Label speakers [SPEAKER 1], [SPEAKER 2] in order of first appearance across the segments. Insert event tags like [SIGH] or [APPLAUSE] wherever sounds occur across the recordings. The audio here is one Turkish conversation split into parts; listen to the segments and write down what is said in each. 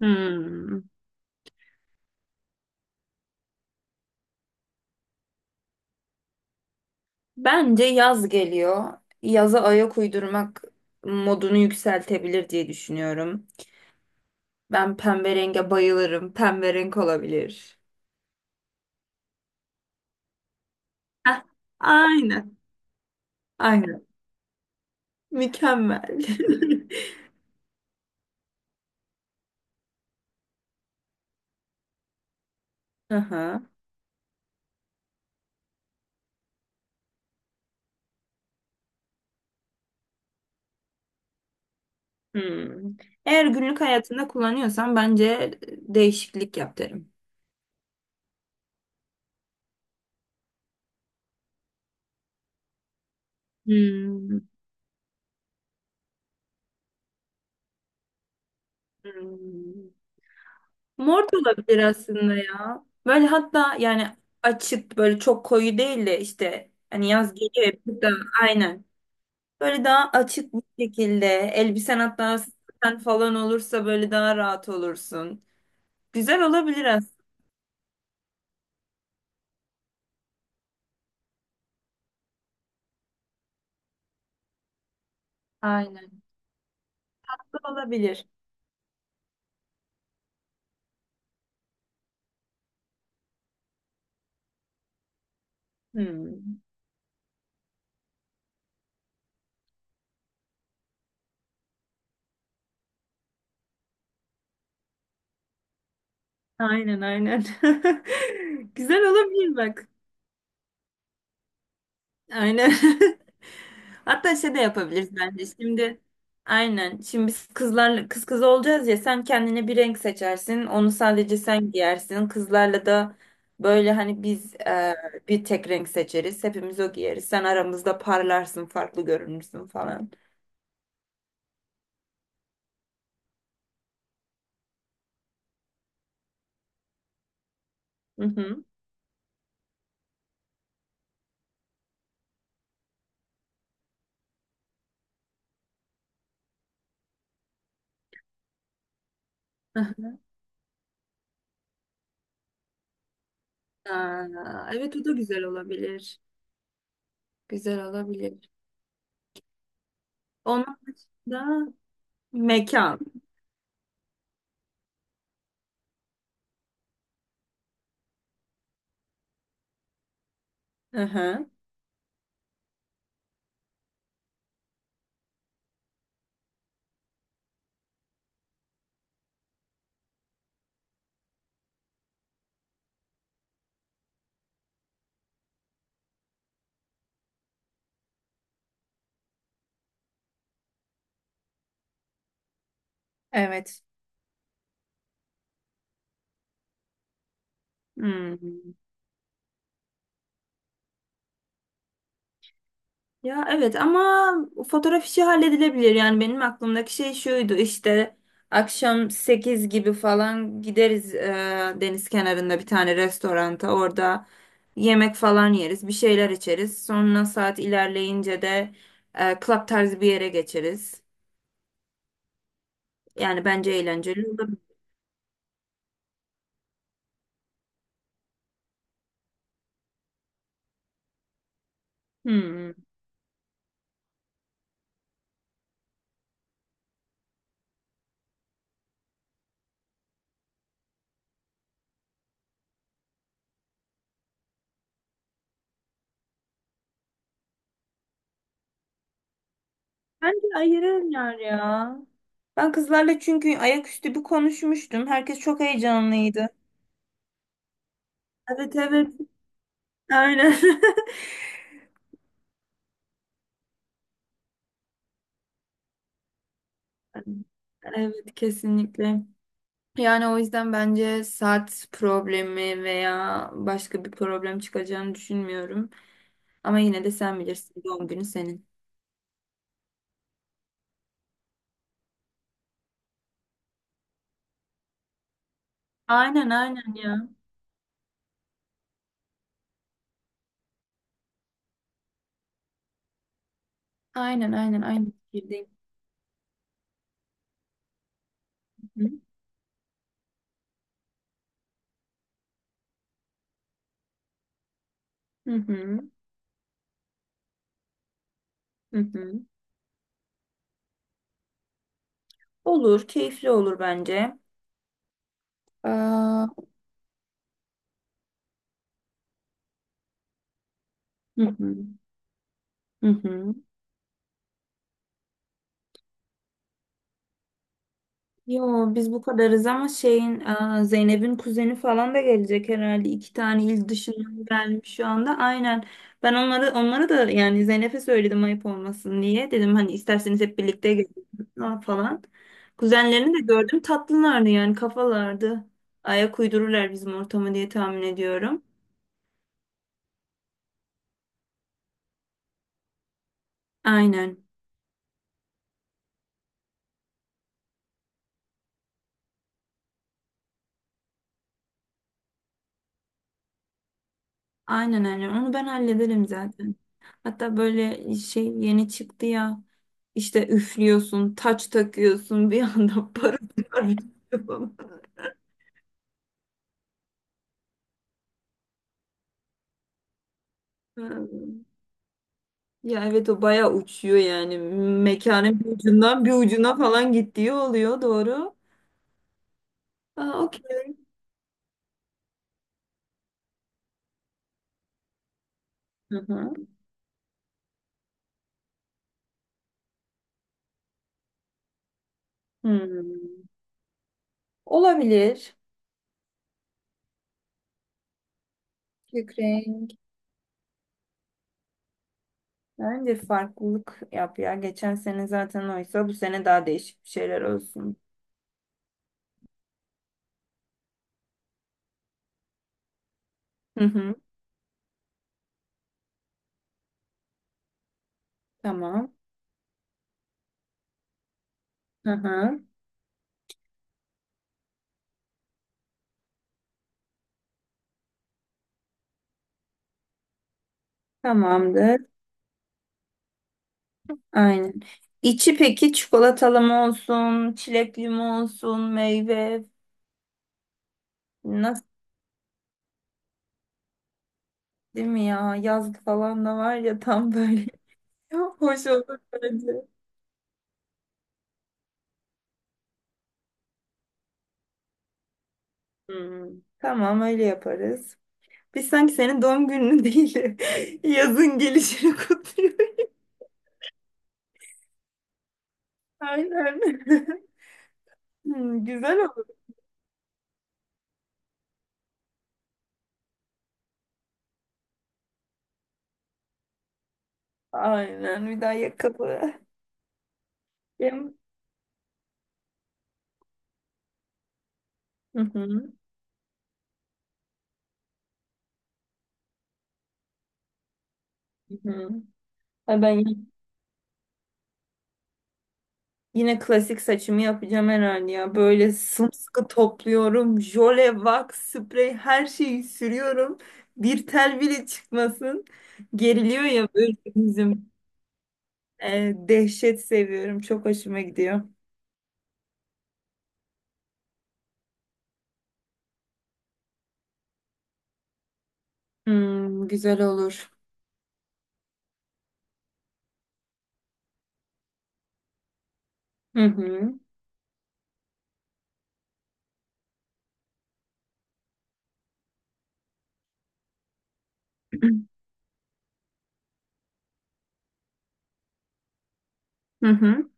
[SPEAKER 1] Hmm. Bence yaz geliyor. Yaza ayak uydurmak modunu yükseltebilir diye düşünüyorum. Ben pembe renge bayılırım. Pembe renk olabilir. Heh, aynen. Aynen. Mükemmel. [LAUGHS] Aha. Hmm. Eğer günlük hayatında kullanıyorsan bence değişiklik yap derim. Hmm. Hmm. Mor da olabilir aslında ya. Böyle hatta yani açık böyle çok koyu değil de işte hani yaz geliyor hep burada aynen. Böyle daha açık bir şekilde elbisen hatta saten falan olursa böyle daha rahat olursun. Güzel olabilir aslında. Aynen. Güzel olabilir. Hmm. Aynen aynen. [LAUGHS] Güzel olabilir bak. Aynen. [LAUGHS] Hatta şey de yapabiliriz bence. Şimdi aynen. Şimdi biz kızlarla kız kız olacağız ya sen kendine bir renk seçersin. Onu sadece sen giyersin. Kızlarla da böyle hani biz bir tek renk seçeriz. Hepimiz o giyeriz. Sen aramızda parlarsın, farklı görünürsün falan. Hı hı. [LAUGHS] Aa, evet o da güzel olabilir. Güzel olabilir. Onun dışında mekan. Hı hı. Evet. Hmm. Ya evet ama fotoğraf işi halledilebilir. Yani benim aklımdaki şey şuydu işte akşam 8 gibi falan gideriz deniz kenarında bir tane restoranta. Orada yemek falan yeriz, bir şeyler içeriz. Sonra saat ilerleyince de club tarzı bir yere geçeriz. Yani bence eğlenceli olabilir. Hmm. Bence ayırırlar ya. Ben kızlarla çünkü ayaküstü bir konuşmuştum. Herkes çok heyecanlıydı. Evet evet. Aynen. [LAUGHS] Evet kesinlikle. Yani o yüzden bence saat problemi veya başka bir problem çıkacağını düşünmüyorum. Ama yine de sen bilirsin doğum günü senin. Aynen aynen ya. Aynen aynen aynı fikirdeyim. Hı hı hı hı. Hı. Hı. Olur, keyifli olur bence. Aa, hı hı hı hı. Yo biz bu kadarız ama şeyin Zeynep'in kuzeni falan da gelecek herhalde. İki tane il dışından gelmiş şu anda. Aynen. Ben onları da yani Zeynep'e söyledim ayıp olmasın diye. Dedim hani isterseniz hep birlikte gelin [LAUGHS] falan. Kuzenlerini de gördüm tatlılardı yani kafalardı. Ayak uydururlar bizim ortamı diye tahmin ediyorum. Aynen. Aynen aynen onu ben hallederim zaten. Hatta böyle şey yeni çıktı ya işte üflüyorsun, taç takıyorsun bir anda [LAUGHS] parıltı parlıyor falan. Ha. Ya evet o bayağı uçuyor yani mekanın bir ucundan bir ucuna falan gittiği oluyor doğru. Aa, okey. Hı hı. Hmm. Olabilir. Açık renk. Bence farklılık yap ya. Geçen sene zaten oysa bu sene daha değişik bir şeyler olsun. Hı hı. Tamam. Hı hı. Tamamdır. Aynen. İçi peki çikolatalı mı olsun, çilekli mi olsun, meyve nasıl, değil mi ya? Yazlık falan da var ya tam böyle. [LAUGHS] Hoş olur bence. Hmm. Tamam öyle yaparız. Biz sanki senin doğum gününü değil, de [LAUGHS] yazın gelişini kutluyoruz. Aynen. [LAUGHS] Hmm, güzel olur. Aynen. Bir daha yakalı. Yem- Hı hı. Hı hı. Ay, Ben Yine klasik saçımı yapacağım herhalde ya. Böyle sımsıkı topluyorum. Jöle, wax, sprey her şeyi sürüyorum. Bir tel bile çıkmasın. Geriliyor ya böyle bizim. Dehşet seviyorum. Çok hoşuma gidiyor. Hmm, güzel olur. Hı hı. Hı hı.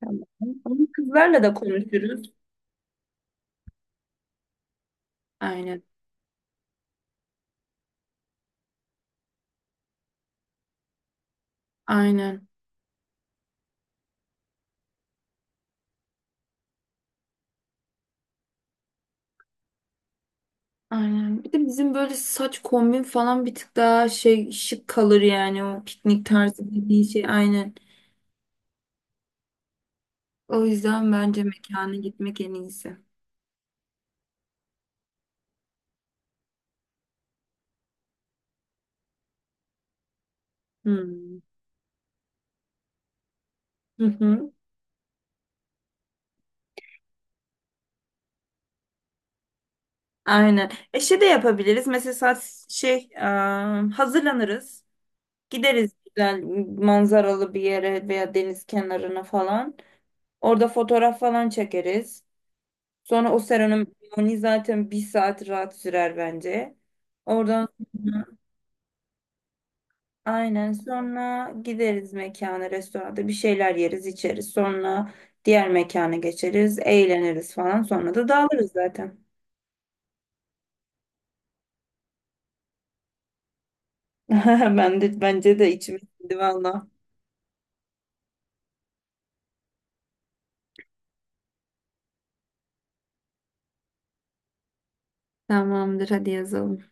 [SPEAKER 1] Tamam. Ama kızlarla da konuşuruz. Aynen. Aynen. Aynen. Bir de bizim böyle saç kombin falan bir tık daha şey şık kalır yani o piknik tarzı dediği şey. Aynen. O yüzden bence mekana gitmek en iyisi. Hmm. Hı hı. Aynen. E şey de yapabiliriz. Mesela hazırlanırız. Gideriz güzel manzaralı bir yere veya deniz kenarına falan. Orada fotoğraf falan çekeriz. Sonra o seremoni zaten bir saat rahat sürer bence. Oradan Aynen. Sonra gideriz mekana, restoranda bir şeyler yeriz, içeriz. Sonra diğer mekana geçeriz, eğleniriz falan. Sonra da dağılırız zaten. [LAUGHS] Ben de, bence de içim sindi valla. Tamamdır hadi yazalım.